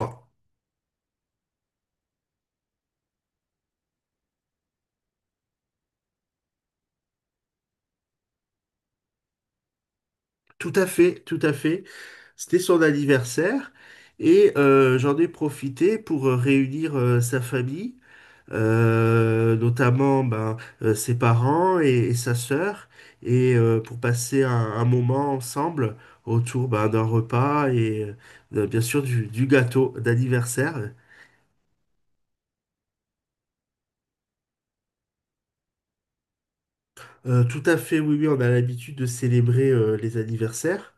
Enfin, tout à fait, tout à fait. C'était son anniversaire et j'en ai profité pour réunir sa famille, notamment ben, ses parents et sa sœur, et pour passer un moment ensemble autour ben, d'un repas et bien sûr du gâteau d'anniversaire. Tout à fait, oui, oui, on a l'habitude de célébrer les anniversaires.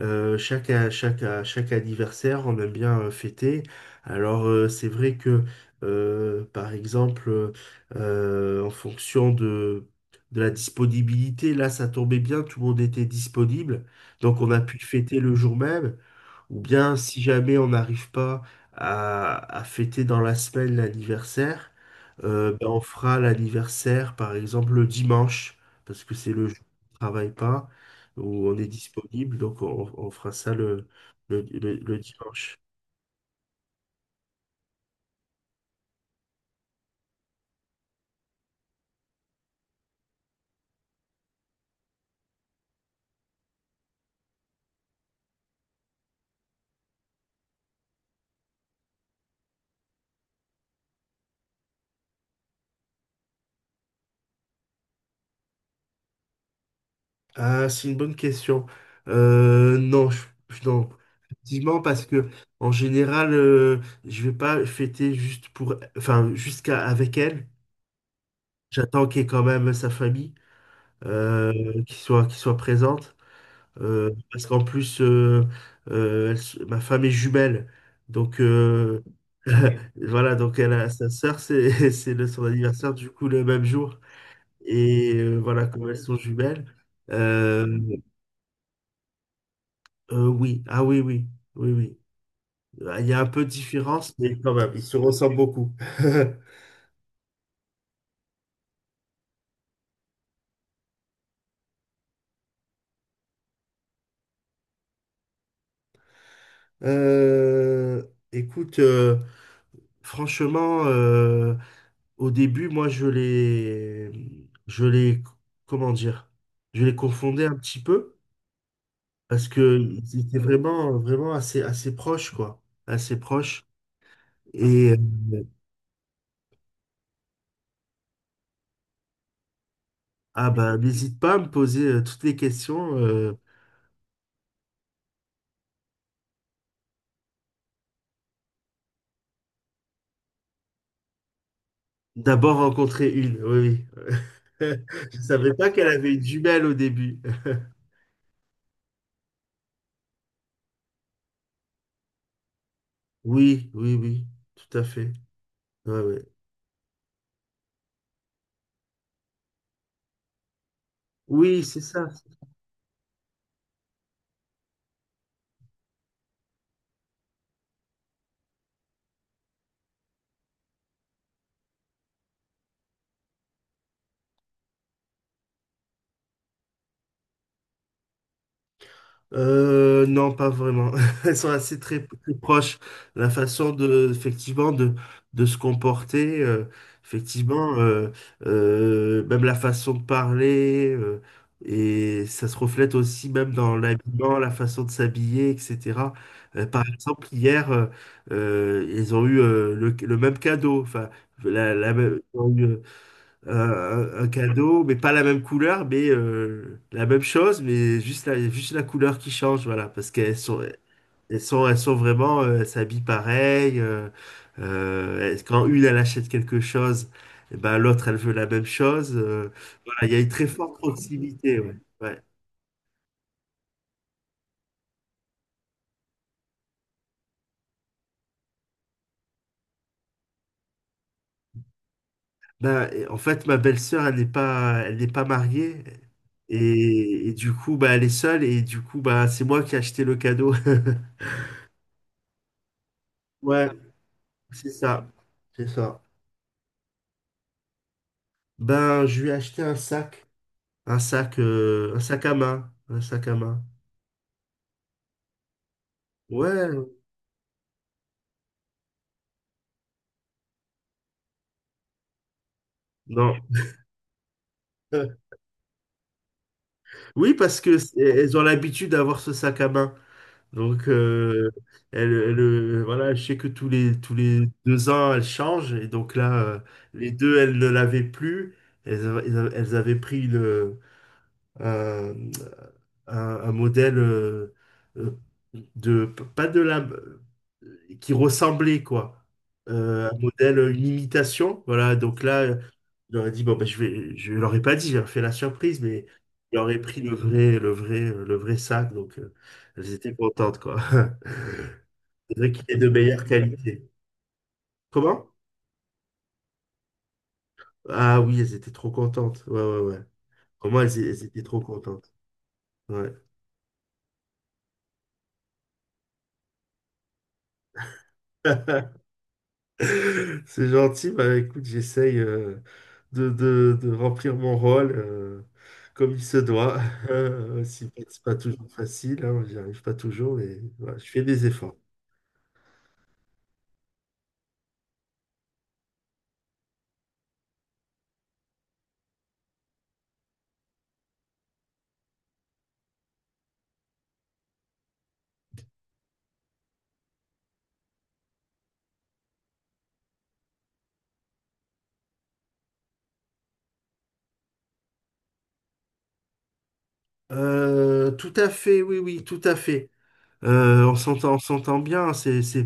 Chaque anniversaire, on aime bien fêter. Alors, c'est vrai que, par exemple, en fonction de la disponibilité, là, ça tombait bien, tout le monde était disponible. Donc, on a pu fêter le jour même. Ou bien, si jamais on n'arrive pas à fêter dans la semaine l'anniversaire, on fera l'anniversaire, par exemple, le dimanche parce que c'est le jour où on ne travaille pas, où on est disponible, donc on fera ça le dimanche. Ah, c'est une bonne question. Euh, non, je, non, effectivement, parce que en général, je vais pas fêter juste pour, enfin, jusqu'à avec elle. J'attends qu'il y ait quand même sa famille, euh, qui soit présente. Parce qu'en plus, elle se- ma femme est jumelle. Donc, voilà, donc elle a sa sœur, c'est c'est le- son anniversaire, du coup, le même jour. Et voilà, comme elles sont jumelles. euh, oui, ah oui, oui, oui, oui. Ah, il y a un peu de différence, mais quand même, ils se ressemblent beaucoup. Euh, Écoute, franchement, au début, moi, je les, comment dire, je les confondais un petit peu parce que ils étaient vraiment assez proches, quoi, assez proches. Et ah bah, n'hésite pas à me poser toutes les questions. D'abord rencontrer une, oui, oui. Je savais pas qu'elle avait une jumelle au début. Oui, oui, oui, tout à fait. Ouais, ouais. Oui, c'est ça. Non, pas vraiment. Elles sont assez très, très proches. La façon de, effectivement, de se comporter, effectivement, même la façon de parler, et ça se reflète aussi même dans l'habillement, la façon de s'habiller, etc. Par exemple, hier, ils ont eu le même cadeau. Enfin, ils ont eu, un cadeau, mais pas la même couleur, mais la même chose, mais juste la couleur qui change, voilà, parce qu'elles sont, elles sont vraiment, elles s'habillent pareil. Elles- quand une, elle achète quelque chose, eh ben, l'autre, elle veut la même chose. Voilà, il y a une très forte proximité, ouais. Ouais. Ben, et en fait, ma belle-sœur, elle n'est pas mariée. Et du coup, bah, elle est seule, et du coup, bah, c'est moi qui ai acheté le cadeau. Ouais, c'est ça. C'est ça. Ben, je lui ai acheté un sac, un sac à main, un sac à main. Ouais, non. Oui, parce que c'est- elles ont l'habitude d'avoir ce sac à main. Donc, voilà, je sais que tous les deux ans, elles changent. Et donc là, les deux, elles ne l'avaient plus. Elles, avaient Elles avaient pris le, euh, un modèle euh, de pas de la qui ressemblait quoi. Un modèle, une imitation, voilà, donc là je leur ai dit bon ben, je leur ai pas dit, j'ai fait la surprise, mais je leur ai pris le vrai le vrai le vrai sac donc elles étaient contentes quoi. C'est vrai qu'il est de meilleure qualité. Comment? Ah oui, elles étaient trop contentes, ouais, ouais, ouais, comment, elles, elles étaient trop contentes, ouais. C'est gentil, bah écoute, j'essaye de remplir mon rôle comme il se doit. Aussi, c'est pas toujours facile, hein, j'y arrive pas toujours, mais voilà, je fais des efforts. Tout à fait, oui, oui, tout à fait. On s'entend, on s'entend bien, c'est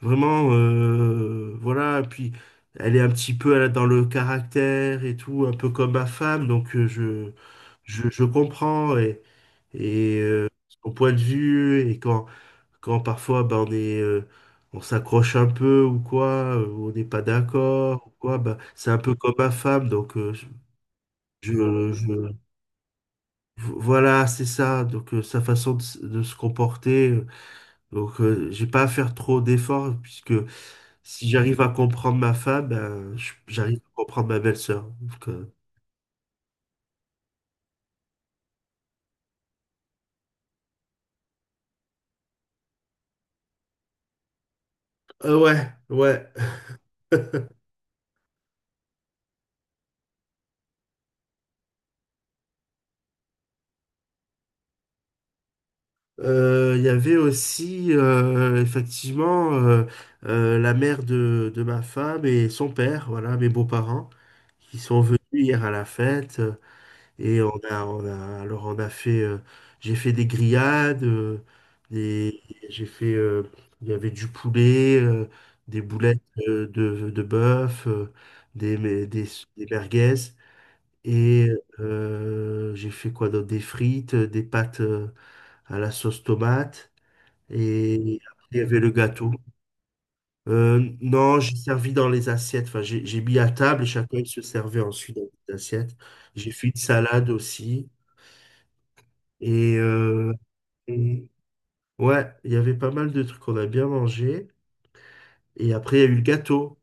vraiment, voilà, puis elle est un petit peu, elle a dans le caractère et tout, un peu comme ma femme, donc je comprends et son point de vue, et quand parfois ben, on s'accroche un peu ou quoi, ou on n'est pas d'accord ou quoi, ben, c'est un peu comme ma femme, donc je, je, je- voilà, c'est ça, donc sa façon de, s- de se comporter. Donc, j'ai pas à faire trop d'efforts puisque si j'arrive à comprendre ma femme, ben, je- j'arrive à comprendre ma belle-sœur. Donc, ouais, ouais. Il y avait aussi effectivement la mère de ma femme et son père, voilà, mes beaux-parents, qui sont venus hier à la fête. Et alors on a fait, j'ai fait des grillades, des, j'ai fait, il y avait du poulet, des boulettes de bœuf, des, mais- des, des merguez. Et j'ai fait quoi d'autre? Des frites, des pâtes à la sauce tomate. Et après, il y avait le gâteau. Non, j'ai servi dans les assiettes. Enfin, j'ai mis à table et chacun il se servait ensuite dans les assiettes. J'ai fait une salade aussi. Et, euh, et- ouais, il y avait pas mal de trucs qu'on a bien mangé. Et après, il y a eu le gâteau.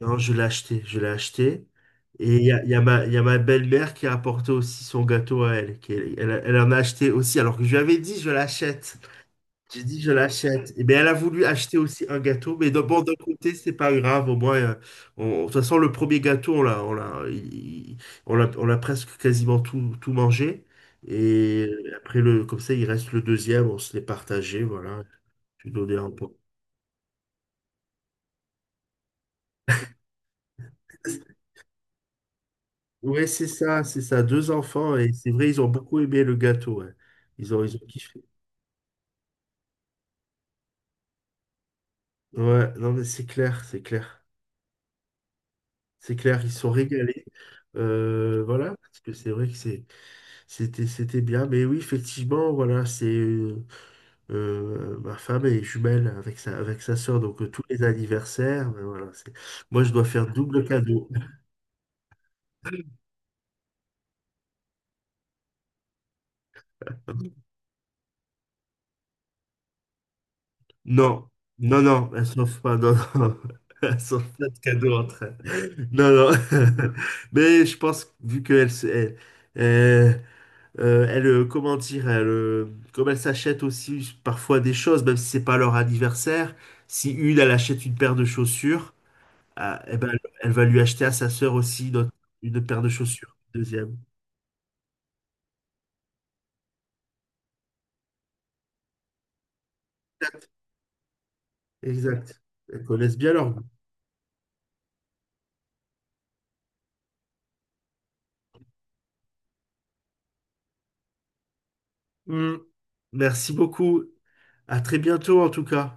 Non, je l'ai acheté. Et il y a ma belle-mère qui a apporté aussi son gâteau à elle. Qui- elle, elle en a acheté aussi, alors que je lui avais dit, je l'achète. J'ai dit, je l'achète. Et bien, elle a voulu acheter aussi un gâteau, mais d'un- bon, d'un côté, c'est pas grave. Au moins, on- de toute façon, le premier gâteau, on l'a presque quasiment tout, tout mangé. Et après, le, comme ça, il reste le deuxième, on se l'est partagé, voilà. Je lui donnais un peu. Ouais, c'est ça, c'est ça. Deux enfants, et c'est vrai, ils ont beaucoup aimé le gâteau, ouais. Ils ont kiffé. Ouais, non, mais c'est clair, c'est clair. C'est clair, ils se sont régalés. Voilà, parce que c'est vrai que c'est. C'était, c'était bien, mais oui, effectivement, voilà, c'est ma femme est jumelle avec avec sa sœur, donc tous les anniversaires, ben voilà, c'est- moi je dois faire double cadeau. Non, non, non, elles s'offre pas, non, non, elle s'offre pas de cadeau entre elles. Non, non, mais je pense, que vu qu'elle, elle, elle, elle, comment dire, comme elle s'achète aussi parfois des choses, même si c'est pas leur anniversaire, si une, elle achète une paire de chaussures, ah, eh ben, elle va lui acheter à sa sœur aussi d'autres- une paire de chaussures. Deuxième. Exact. Exact. Elles connaissent bien leur goût. Hmm. Merci beaucoup. À très bientôt en tout cas.